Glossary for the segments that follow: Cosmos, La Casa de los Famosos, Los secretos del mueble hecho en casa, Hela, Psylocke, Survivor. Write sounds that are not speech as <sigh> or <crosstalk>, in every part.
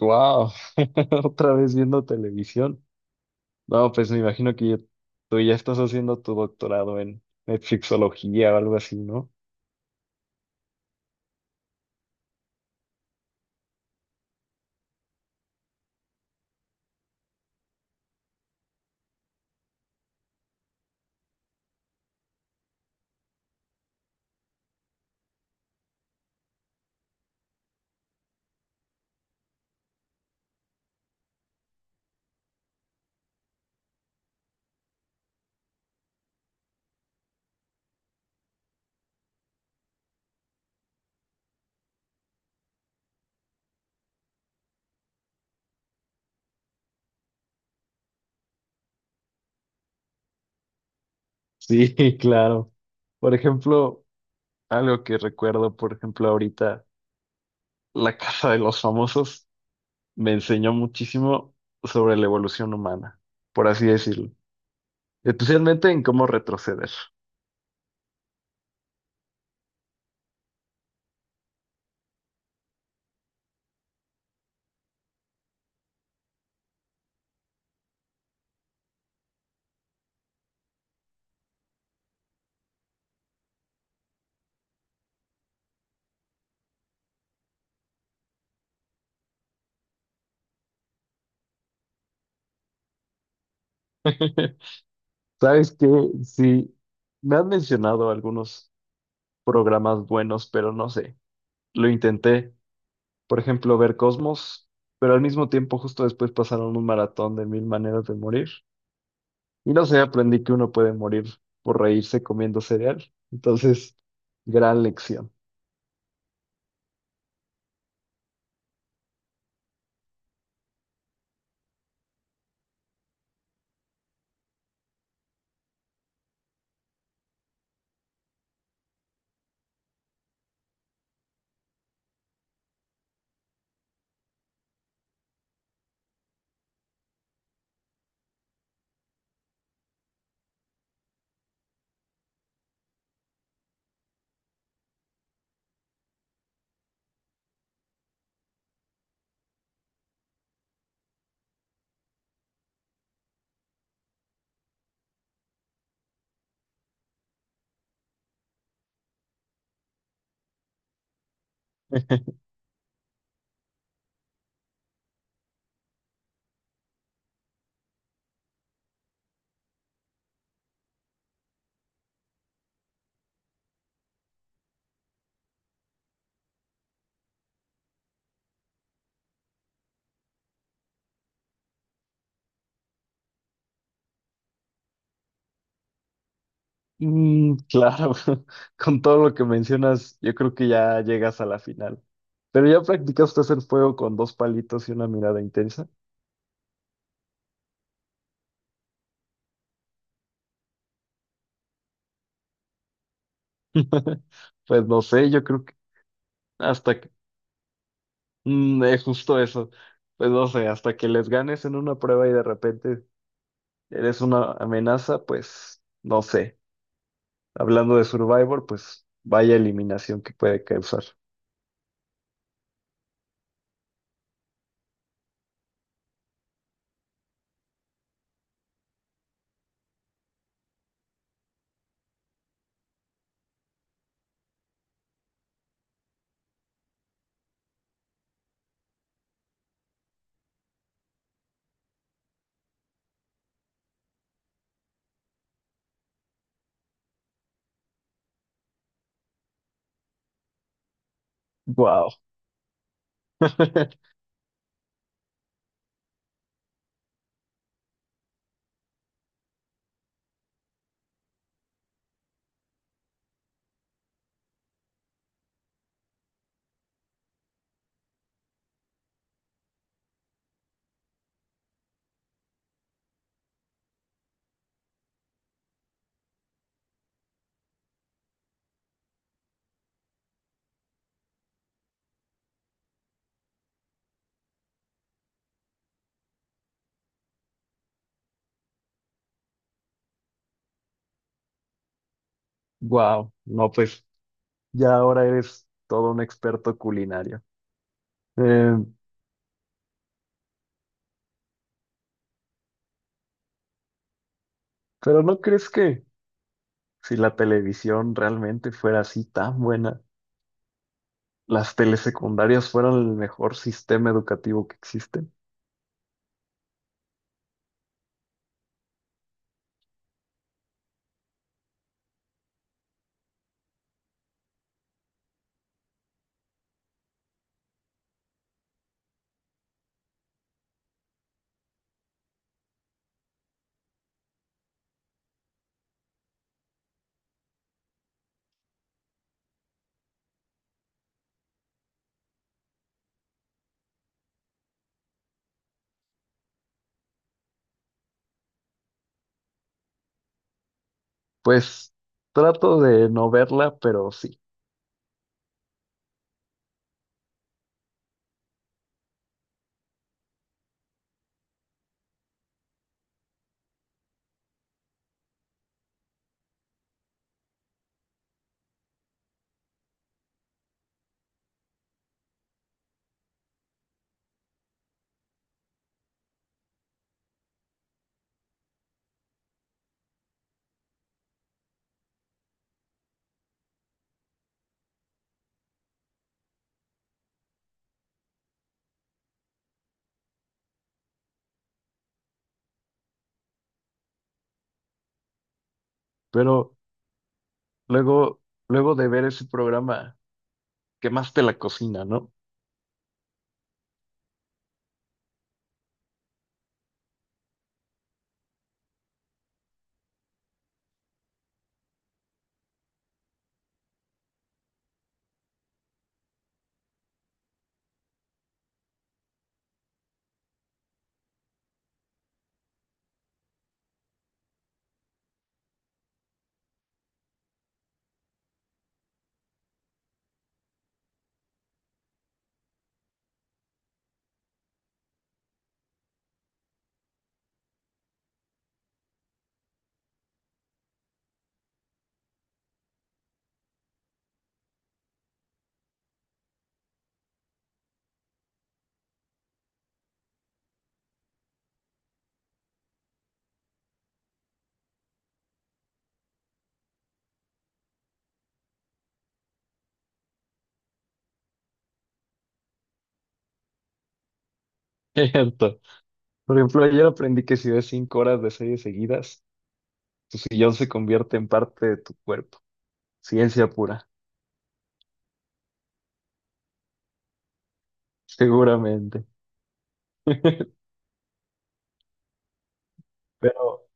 Wow, <laughs> otra vez viendo televisión. No, pues me imagino que tú ya estás haciendo tu doctorado en Netflixología o algo así, ¿no? Sí, <laughs> claro. Por ejemplo, algo que recuerdo, por ejemplo, ahorita, La Casa de los Famosos me enseñó muchísimo sobre la evolución humana, por así decirlo. Especialmente en cómo retroceder. <laughs> ¿Sabes qué? Sí, me han mencionado algunos programas buenos, pero no sé. Lo intenté, por ejemplo, ver Cosmos, pero al mismo tiempo justo después pasaron un maratón de mil maneras de morir. Y no sé, aprendí que uno puede morir por reírse comiendo cereal. Entonces, gran lección. Mm, claro, <laughs> con todo lo que mencionas, yo creo que ya llegas a la final. Pero ya practicaste hacer fuego con dos palitos y una mirada intensa. <laughs> Pues no sé, yo creo que hasta que, es justo eso. Pues no sé, hasta que les ganes en una prueba y de repente eres una amenaza, pues no sé. Hablando de Survivor, pues vaya eliminación que puede causar. Wow. <laughs> Wow. No, pues ya ahora eres todo un experto culinario. Eh, pero ¿no crees que si la televisión realmente fuera así tan buena, las telesecundarias fueran el mejor sistema educativo que existe? Pues trato de no verla, pero sí. Pero luego, luego de ver ese programa, quemaste la cocina, ¿no? Cierto. Por ejemplo, ayer aprendí que si ves 5 horas de series seguidas, tu sillón se convierte en parte de tu cuerpo. Ciencia pura, seguramente. Pero,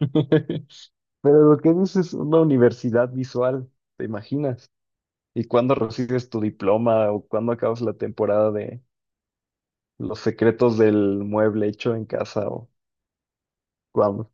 <laughs> pero lo que dices es una universidad visual, ¿te imaginas? ¿Y cuándo recibes tu diploma o cuándo acabas la temporada de Los secretos del mueble hecho en casa o cuándo?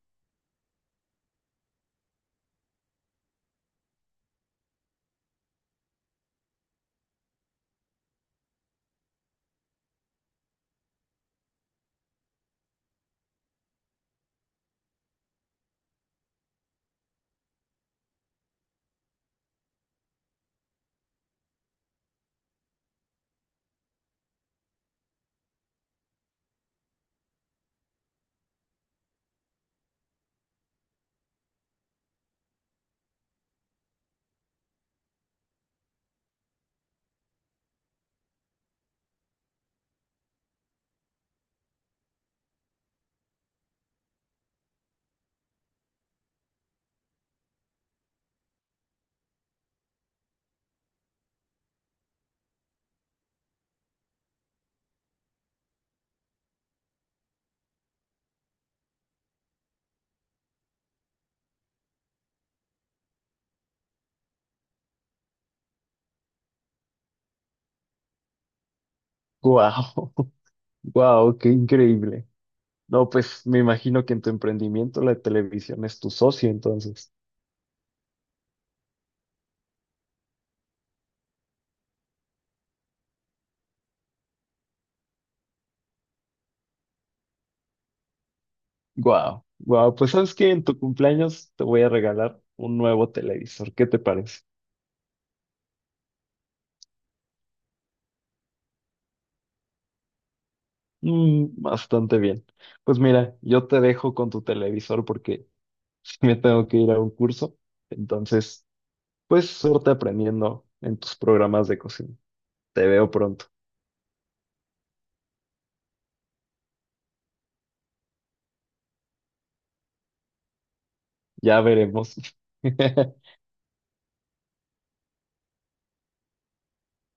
¡Guau! <laughs> ¡Guau! ¡Qué increíble! No, pues me imagino que en tu emprendimiento la televisión es tu socio, entonces. Wow, wow, pues sabes que en tu cumpleaños te voy a regalar un nuevo televisor. ¿Qué te parece? Mm, bastante bien. Pues mira, yo te dejo con tu televisor porque <laughs> me tengo que ir a un curso. Entonces, pues suerte aprendiendo en tus programas de cocina. Te veo pronto. Ya veremos. <laughs>